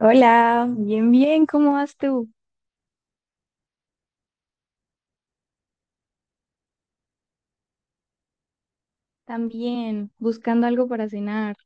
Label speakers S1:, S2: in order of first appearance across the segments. S1: Hola, bien, bien, ¿cómo vas tú? También, buscando algo para cenar.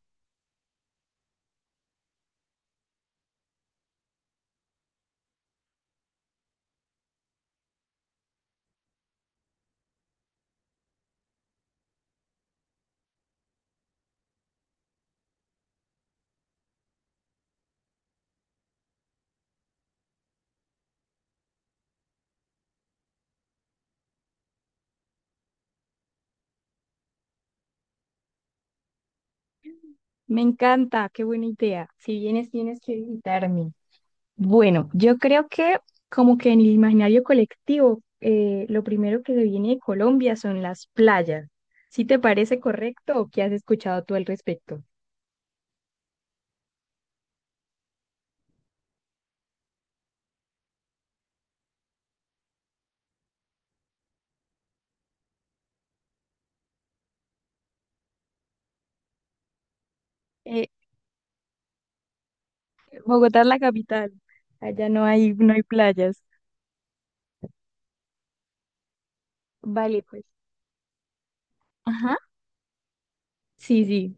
S1: Me encanta, qué buena idea. Si vienes, tienes que visitarme. Bueno, yo creo que como que en el imaginario colectivo, lo primero que se viene de Colombia son las playas. ¿Sí te parece correcto o qué has escuchado tú al respecto? Eh, Bogotá es la capital. Allá no hay playas. Vale, pues. Ajá. Sí, sí,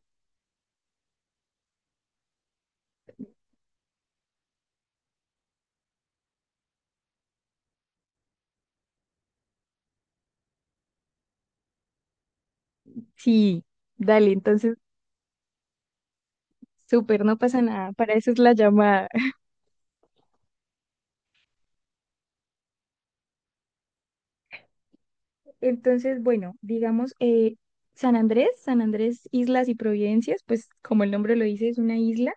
S1: sí. Dale, entonces súper, no pasa nada, para eso es la llamada. Entonces, bueno, digamos, San Andrés, San Andrés Islas y Providencias, pues como el nombre lo dice, es una isla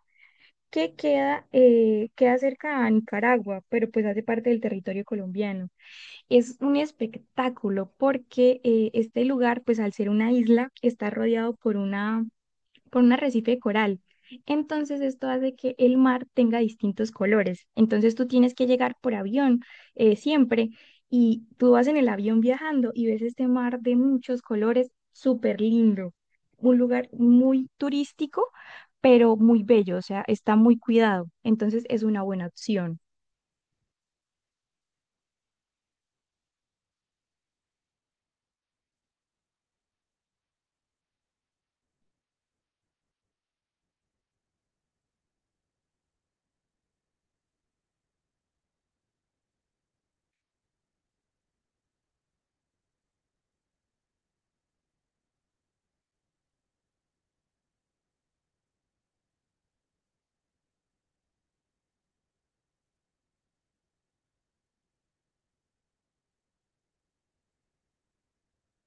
S1: que queda, queda cerca a Nicaragua, pero pues hace parte del territorio colombiano. Es un espectáculo porque este lugar, pues al ser una isla, está rodeado por una por un arrecife de coral. Entonces esto hace que el mar tenga distintos colores. Entonces tú tienes que llegar por avión siempre, y tú vas en el avión viajando y ves este mar de muchos colores, súper lindo. Un lugar muy turístico, pero muy bello, o sea, está muy cuidado. Entonces es una buena opción.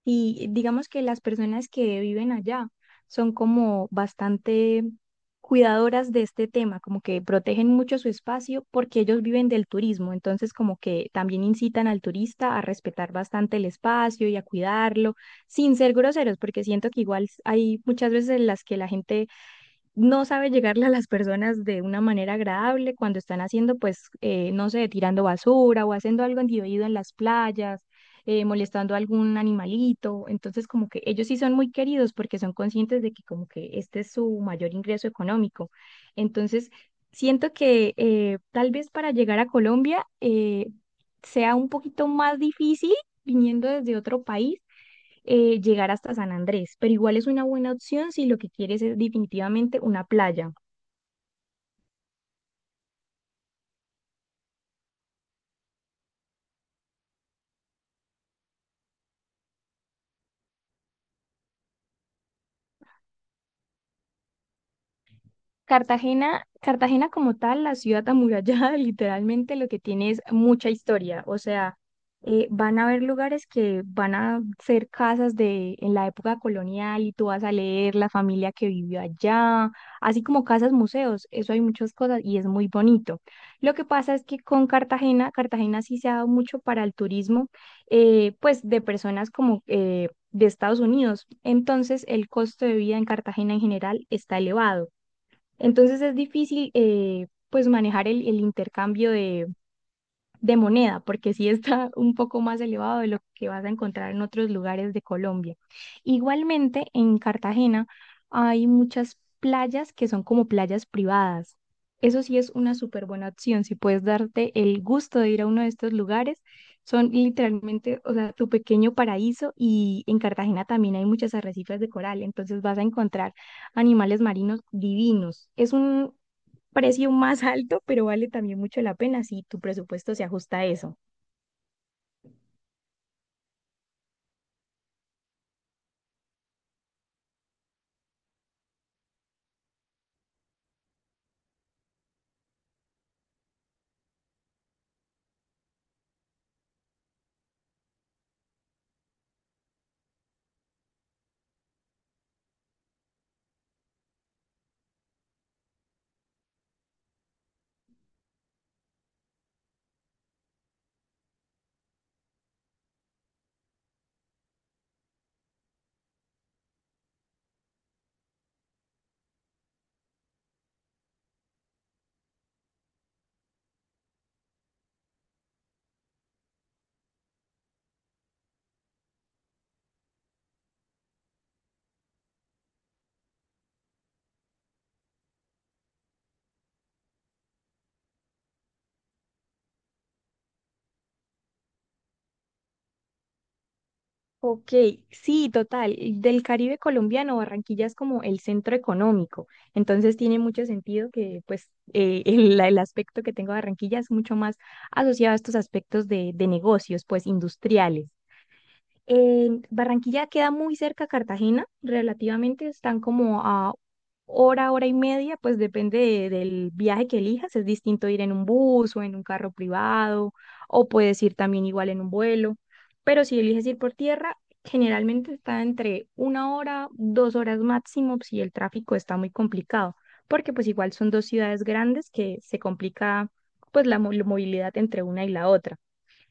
S1: Y digamos que las personas que viven allá son como bastante cuidadoras de este tema, como que protegen mucho su espacio porque ellos viven del turismo, entonces como que también incitan al turista a respetar bastante el espacio y a cuidarlo, sin ser groseros, porque siento que igual hay muchas veces en las que la gente no sabe llegarle a las personas de una manera agradable cuando están haciendo, pues, no sé, tirando basura o haciendo algo indebido en las playas, molestando a algún animalito. Entonces, como que ellos sí son muy queridos porque son conscientes de que como que este es su mayor ingreso económico. Entonces, siento que tal vez para llegar a Colombia sea un poquito más difícil viniendo desde otro país, llegar hasta San Andrés, pero igual es una buena opción si lo que quieres es definitivamente una playa. Cartagena, Cartagena como tal, la ciudad amurallada, literalmente lo que tiene es mucha historia. O sea, van a haber lugares que van a ser casas de en la época colonial y tú vas a leer la familia que vivió allá, así como casas museos. Eso hay muchas cosas y es muy bonito. Lo que pasa es que con Cartagena, Cartagena sí se ha dado mucho para el turismo, pues de personas como de Estados Unidos. Entonces, el costo de vida en Cartagena en general está elevado. Entonces es difícil, pues manejar el intercambio de moneda, porque sí está un poco más elevado de lo que vas a encontrar en otros lugares de Colombia. Igualmente, en Cartagena hay muchas playas que son como playas privadas. Eso sí es una súper buena opción. Si puedes darte el gusto de ir a uno de estos lugares, son literalmente, o sea, tu pequeño paraíso, y en Cartagena también hay muchas arrecifes de coral, entonces vas a encontrar animales marinos divinos. Es un precio más alto, pero vale también mucho la pena si tu presupuesto se ajusta a eso. Ok, sí, total. Del Caribe colombiano, Barranquilla es como el centro económico, entonces tiene mucho sentido que pues el aspecto que tengo de Barranquilla es mucho más asociado a estos aspectos de negocios, pues industriales. Barranquilla queda muy cerca a Cartagena, relativamente están como a hora, hora y media, pues depende del viaje que elijas, es distinto ir en un bus o en un carro privado, o puedes ir también igual en un vuelo, pero si eliges ir por tierra, generalmente está entre una hora, dos horas máximo si el tráfico está muy complicado, porque pues igual son dos ciudades grandes que se complica pues la movilidad entre una y la otra.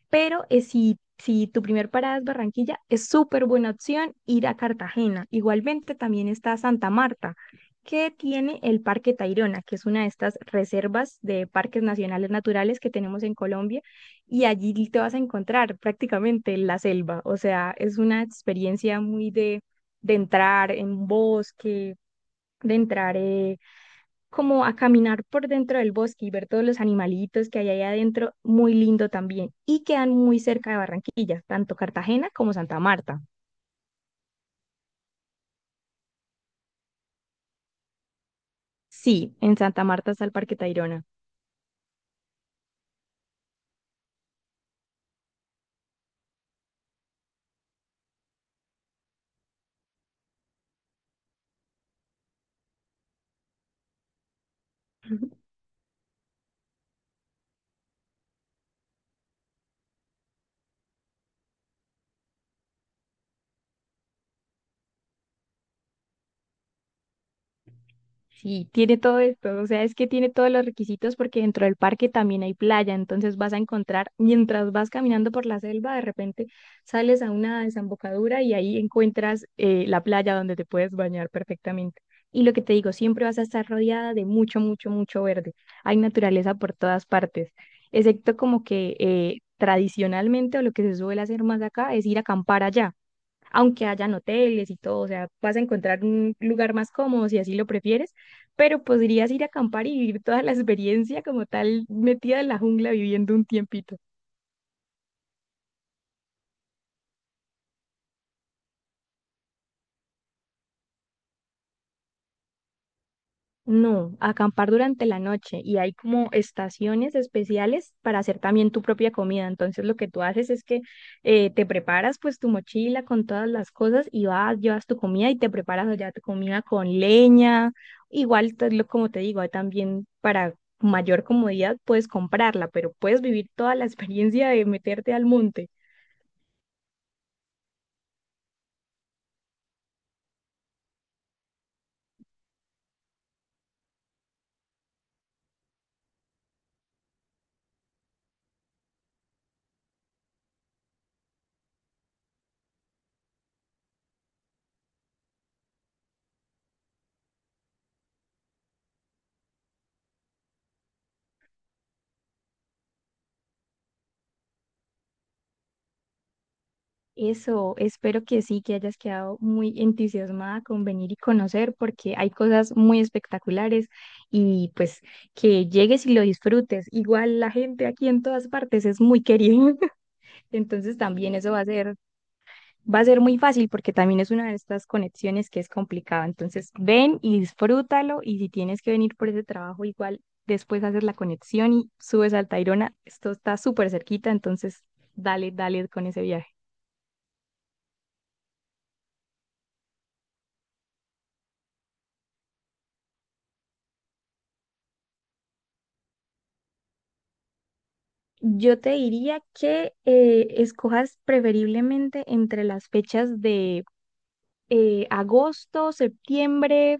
S1: Pero si tu primer parada es Barranquilla, es súper buena opción ir a Cartagena. Igualmente también está Santa Marta, que tiene el Parque Tayrona, que es una de estas reservas de parques nacionales naturales que tenemos en Colombia. Y allí te vas a encontrar prácticamente la selva. O sea, es una experiencia muy de entrar en bosque, de entrar... como a caminar por dentro del bosque y ver todos los animalitos que hay ahí adentro, muy lindo también. Y quedan muy cerca de Barranquilla, tanto Cartagena como Santa Marta. Sí, en Santa Marta está el Parque Tayrona. Sí, tiene todo esto, o sea, es que tiene todos los requisitos porque dentro del parque también hay playa, entonces vas a encontrar, mientras vas caminando por la selva, de repente sales a una desembocadura y ahí encuentras la playa donde te puedes bañar perfectamente. Y lo que te digo, siempre vas a estar rodeada de mucho, mucho, mucho verde. Hay naturaleza por todas partes, excepto como que tradicionalmente o lo que se suele hacer más acá es ir a acampar allá aunque hayan hoteles y todo, o sea, vas a encontrar un lugar más cómodo si así lo prefieres, pero podrías ir a acampar y vivir toda la experiencia como tal metida en la jungla viviendo un tiempito. No, acampar durante la noche, y hay como estaciones especiales para hacer también tu propia comida. Entonces lo que tú haces es que te preparas pues tu mochila con todas las cosas y vas, llevas tu comida y te preparas allá tu comida con leña. Igual, como te digo, hay también para mayor comodidad puedes comprarla, pero puedes vivir toda la experiencia de meterte al monte. Eso, espero que sí, que hayas quedado muy entusiasmada con venir y conocer, porque hay cosas muy espectaculares y pues que llegues y lo disfrutes. Igual la gente aquí en todas partes es muy querida, entonces también eso va a ser muy fácil porque también es una de estas conexiones que es complicada. Entonces ven y disfrútalo, y si tienes que venir por ese trabajo, igual después haces la conexión y subes al Tayrona, esto está súper cerquita, entonces dale, dale con ese viaje. Yo te diría que escojas preferiblemente entre las fechas de agosto, septiembre.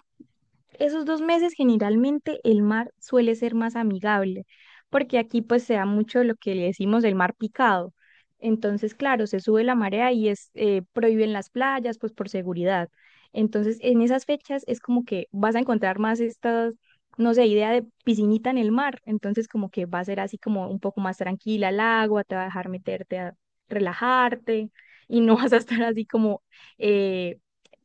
S1: Esos dos meses generalmente el mar suele ser más amigable, porque aquí pues se da mucho lo que le decimos el mar picado. Entonces, claro, se sube la marea y es prohíben las playas pues por seguridad. Entonces, en esas fechas es como que vas a encontrar más estas, no sé, idea de piscinita en el mar. Entonces, como que va a ser así como un poco más tranquila el agua, te va a dejar meterte a relajarte y no vas a estar así como eh,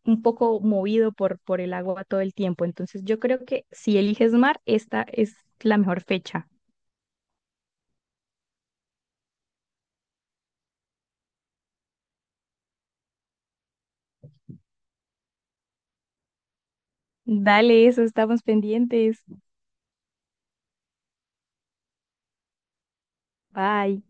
S1: un poco movido por el agua todo el tiempo. Entonces yo creo que si eliges mar, esta es la mejor fecha. Dale, eso, estamos pendientes. Bye.